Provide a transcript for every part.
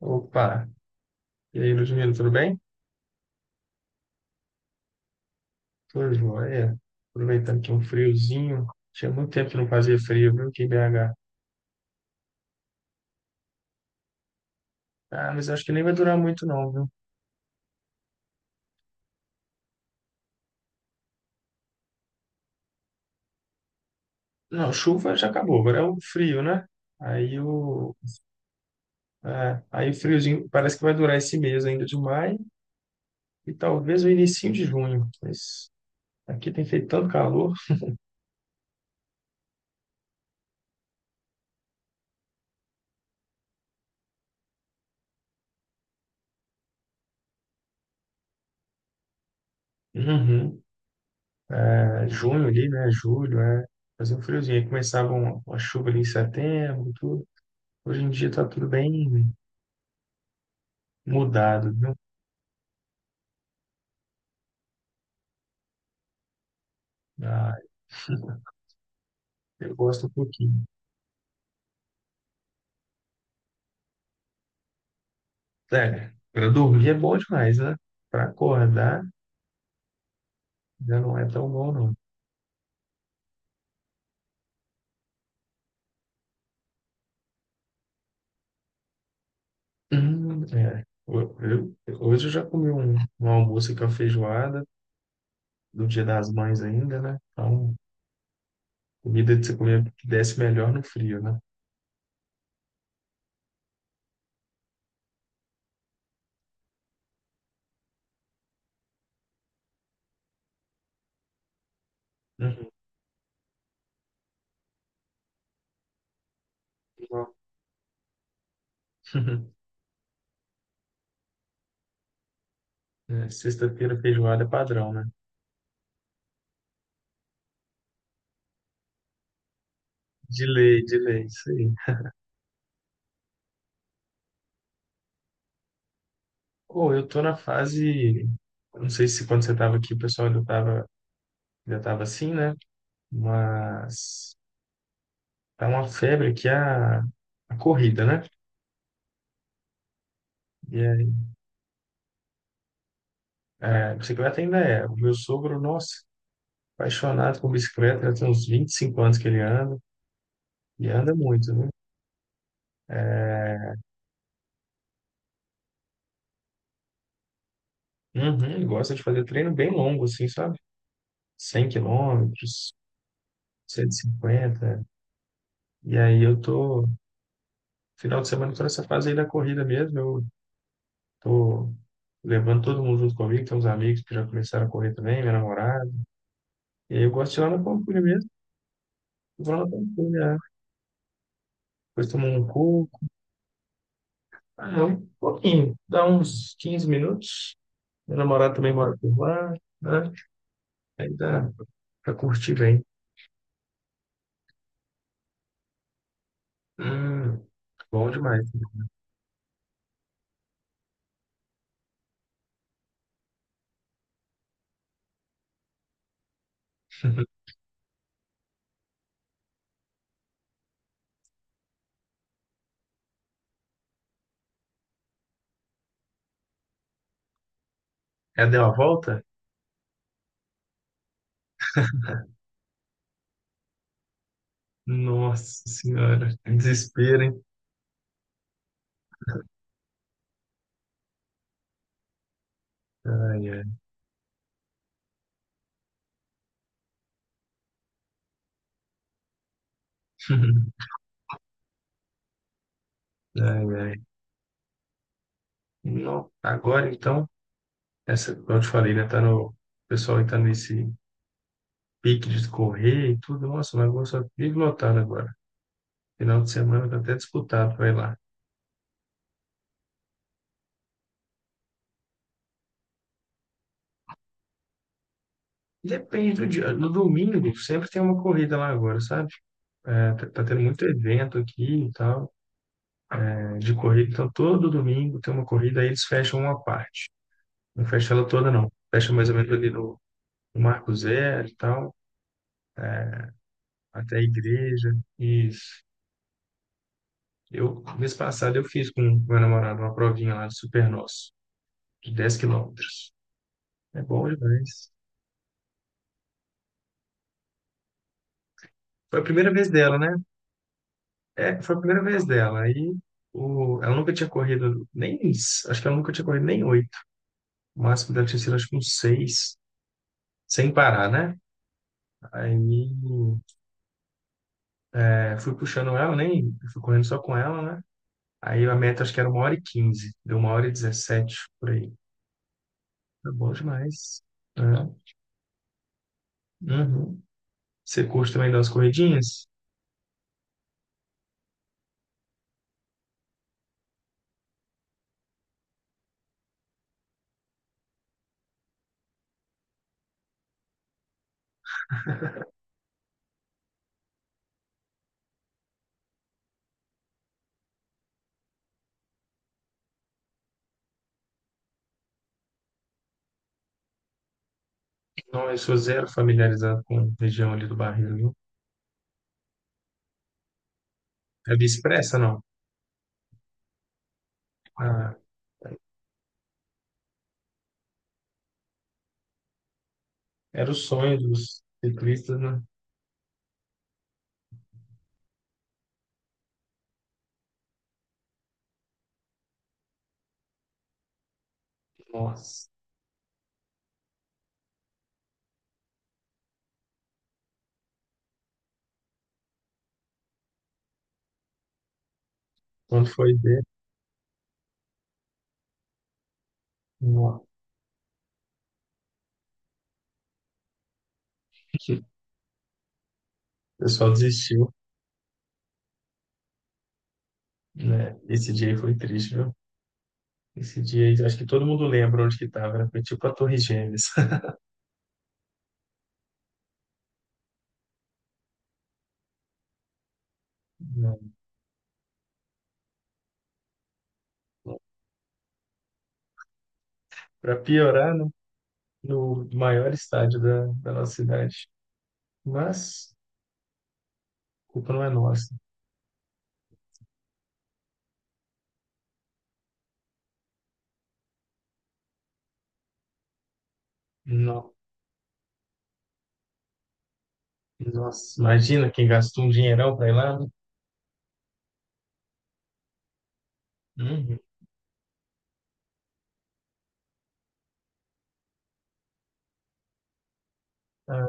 Opa, e aí, Ludmila, tudo bem? Tudo jóia. Aproveitando que é um friozinho. Tinha muito tempo que não fazia frio, viu, aqui em BH. Ah, mas acho que nem vai durar muito não, viu? Não, chuva já acabou, agora é o frio, né? Aí o, aí o friozinho parece que vai durar esse mês ainda de maio e talvez o início de junho. Mas aqui tem feito tanto calor. Uhum. É, junho ali, né? Julho, é. Fazer um friozinho. Aí começava uma chuva ali em setembro, tudo. Hoje em dia tá tudo bem mudado, viu? Ah, eu gosto um pouquinho. É, para dormir é bom demais, né? Para acordar já não é tão bom, não. É. Hoje eu já comi um almoço com a feijoada, do Dia das Mães ainda, né? Então, comida que você comia que desce melhor no frio, né? Uhum. Bom. É, sexta-feira feijoada é padrão, né? De lei, isso aí. Pô, eu tô na fase. Não sei se quando você tava aqui o pessoal já tava assim, né? Mas tá uma febre que é a corrida, né? E aí, é, bicicleta ainda é. O meu sogro, nossa, apaixonado por bicicleta, já tem uns 25 anos que ele anda, e anda muito, né? Uhum, ele gosta de fazer treino bem longo, assim, sabe? 100 quilômetros, 150. E aí eu tô, final de semana, tô nessa fase aí da corrida mesmo, eu tô levando todo mundo junto comigo, tem uns amigos que já começaram a correr também, minha namorada. E aí eu gosto de ir lá na Pampulha mesmo, vou lá na Pampulha, né? Depois tomo um coco. Ah, um pouquinho, dá uns 15 minutos. Meu namorado também mora por lá, né? Aí dá pra curtir bem. Hum, bom demais. Ela deu a volta? Nossa senhora, que desespero, hein? Ai, ai. Ai, ai. Não, agora então, essa, como eu te falei, né? Tá no, o pessoal aí tá nesse pique de correr e tudo. Nossa, mas vou só vive lotado agora. Final de semana tá até disputado, vai lá. Depende do dia. No domingo sempre tem uma corrida lá agora, sabe? É, tá tendo muito evento aqui e tal, é, de corrida. Então, todo domingo tem uma corrida, aí eles fecham uma parte. Não fecha ela toda, não. Fecha mais ou menos ali no Marco Zero e tal, até a igreja. Isso. Eu, mês passado, eu fiz com meu namorado uma provinha lá do Super Nosso, de 10 quilômetros. É bom demais. Foi a primeira vez dela, né? É, foi a primeira vez dela. Aí, ela nunca tinha corrido nem, acho que ela nunca tinha corrido nem oito. O máximo dela tinha sido, acho que uns seis, sem parar, né? Aí é, fui puxando ela, nem fui correndo só com ela, né? Aí a meta acho que era uma hora e quinze, deu uma hora e dezessete por aí. Foi bom demais, né? Uhum. Você curte também dar umas corridinhas? Não, eu sou zero familiarizado com a região ali do Barreiro, viu? É de expressa, não? Ah, era o sonho dos ciclistas, né? Nossa, quando foi ver, nossa, o pessoal desistiu, né? Esse dia aí foi triste, viu? Esse dia aí, acho que todo mundo lembra onde que tava era. Foi tipo a Torre Gêmeas. Para piorar, no maior estádio da nossa cidade. Mas a culpa não é nossa. Não. Nossa, imagina quem gastou um dinheirão para ir lá, né? Uhum. Ah,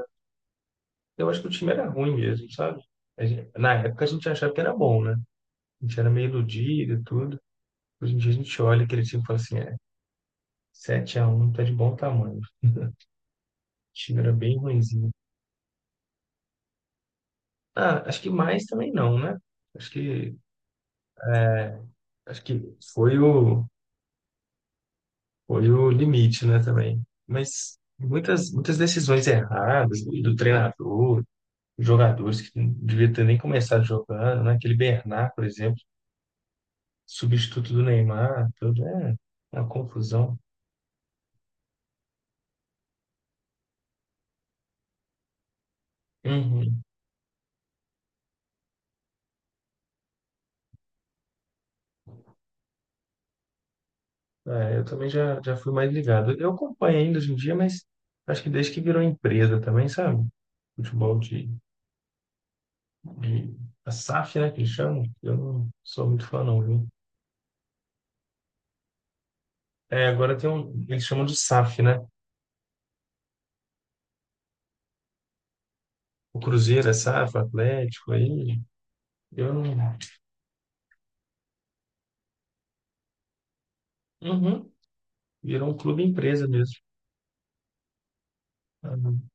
eu acho que o time era ruim mesmo, sabe? Na época a gente achava que era bom, né? A gente era meio iludido e tudo. Hoje em dia a gente olha aquele time e fala assim, é, 7-1, tá de bom tamanho. O time era bem ruinzinho. Ah, acho que mais também não, né? Acho que, acho que foi o limite, né, também. Mas muitas, muitas decisões erradas do treinador, jogadores que não devia ter nem começado jogando, né? Aquele Bernard, por exemplo, substituto do Neymar, tudo é uma confusão. Uhum. É, eu também já fui mais ligado. Eu acompanho ainda hoje em dia, mas acho que desde que virou empresa também, sabe? Futebol de a SAF, né, que eles chamam. Eu não sou muito fã, não, viu? É, agora tem um, eles chamam de SAF, né? O Cruzeiro é SAF, o Atlético, aí eu não. Uhum. Virou um clube empresa mesmo. Uhum.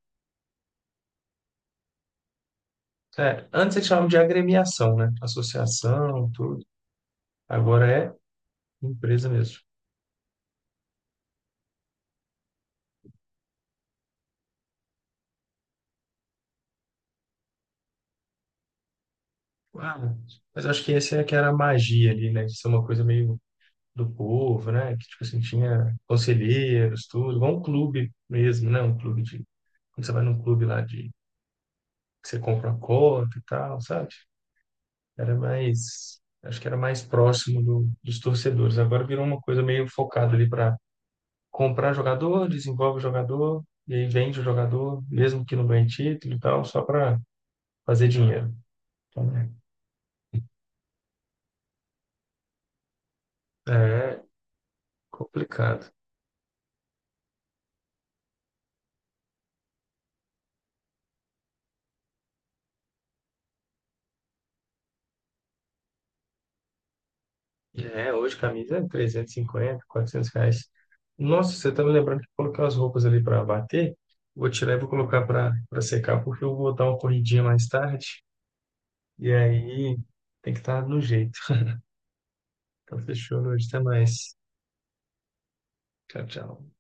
É, antes eles chamavam de agremiação, né? Associação, tudo. Agora é empresa mesmo. Uau. Mas acho que esse é que era a magia ali, né? De ser uma coisa meio do povo, né? Que tipo assim, tinha conselheiros, tudo. Igual um clube mesmo, né? Um clube de. Quando você vai num clube lá de. Que você compra uma cota e tal, sabe? Era mais, acho que era mais próximo dos torcedores. Agora virou uma coisa meio focada ali para comprar jogador, desenvolve o jogador, e aí vende o jogador, mesmo que não ganhe título e tal, só para fazer dinheiro. Então, é complicado. É, hoje camisa é 350, 400 reais. Nossa, você tá me lembrando que eu coloquei umas roupas ali para bater. Vou tirar e vou colocar para secar, porque eu vou dar uma corridinha mais tarde. E aí tem que estar no jeito. Então, fechou, hoje, até mais. Tchau, tchau.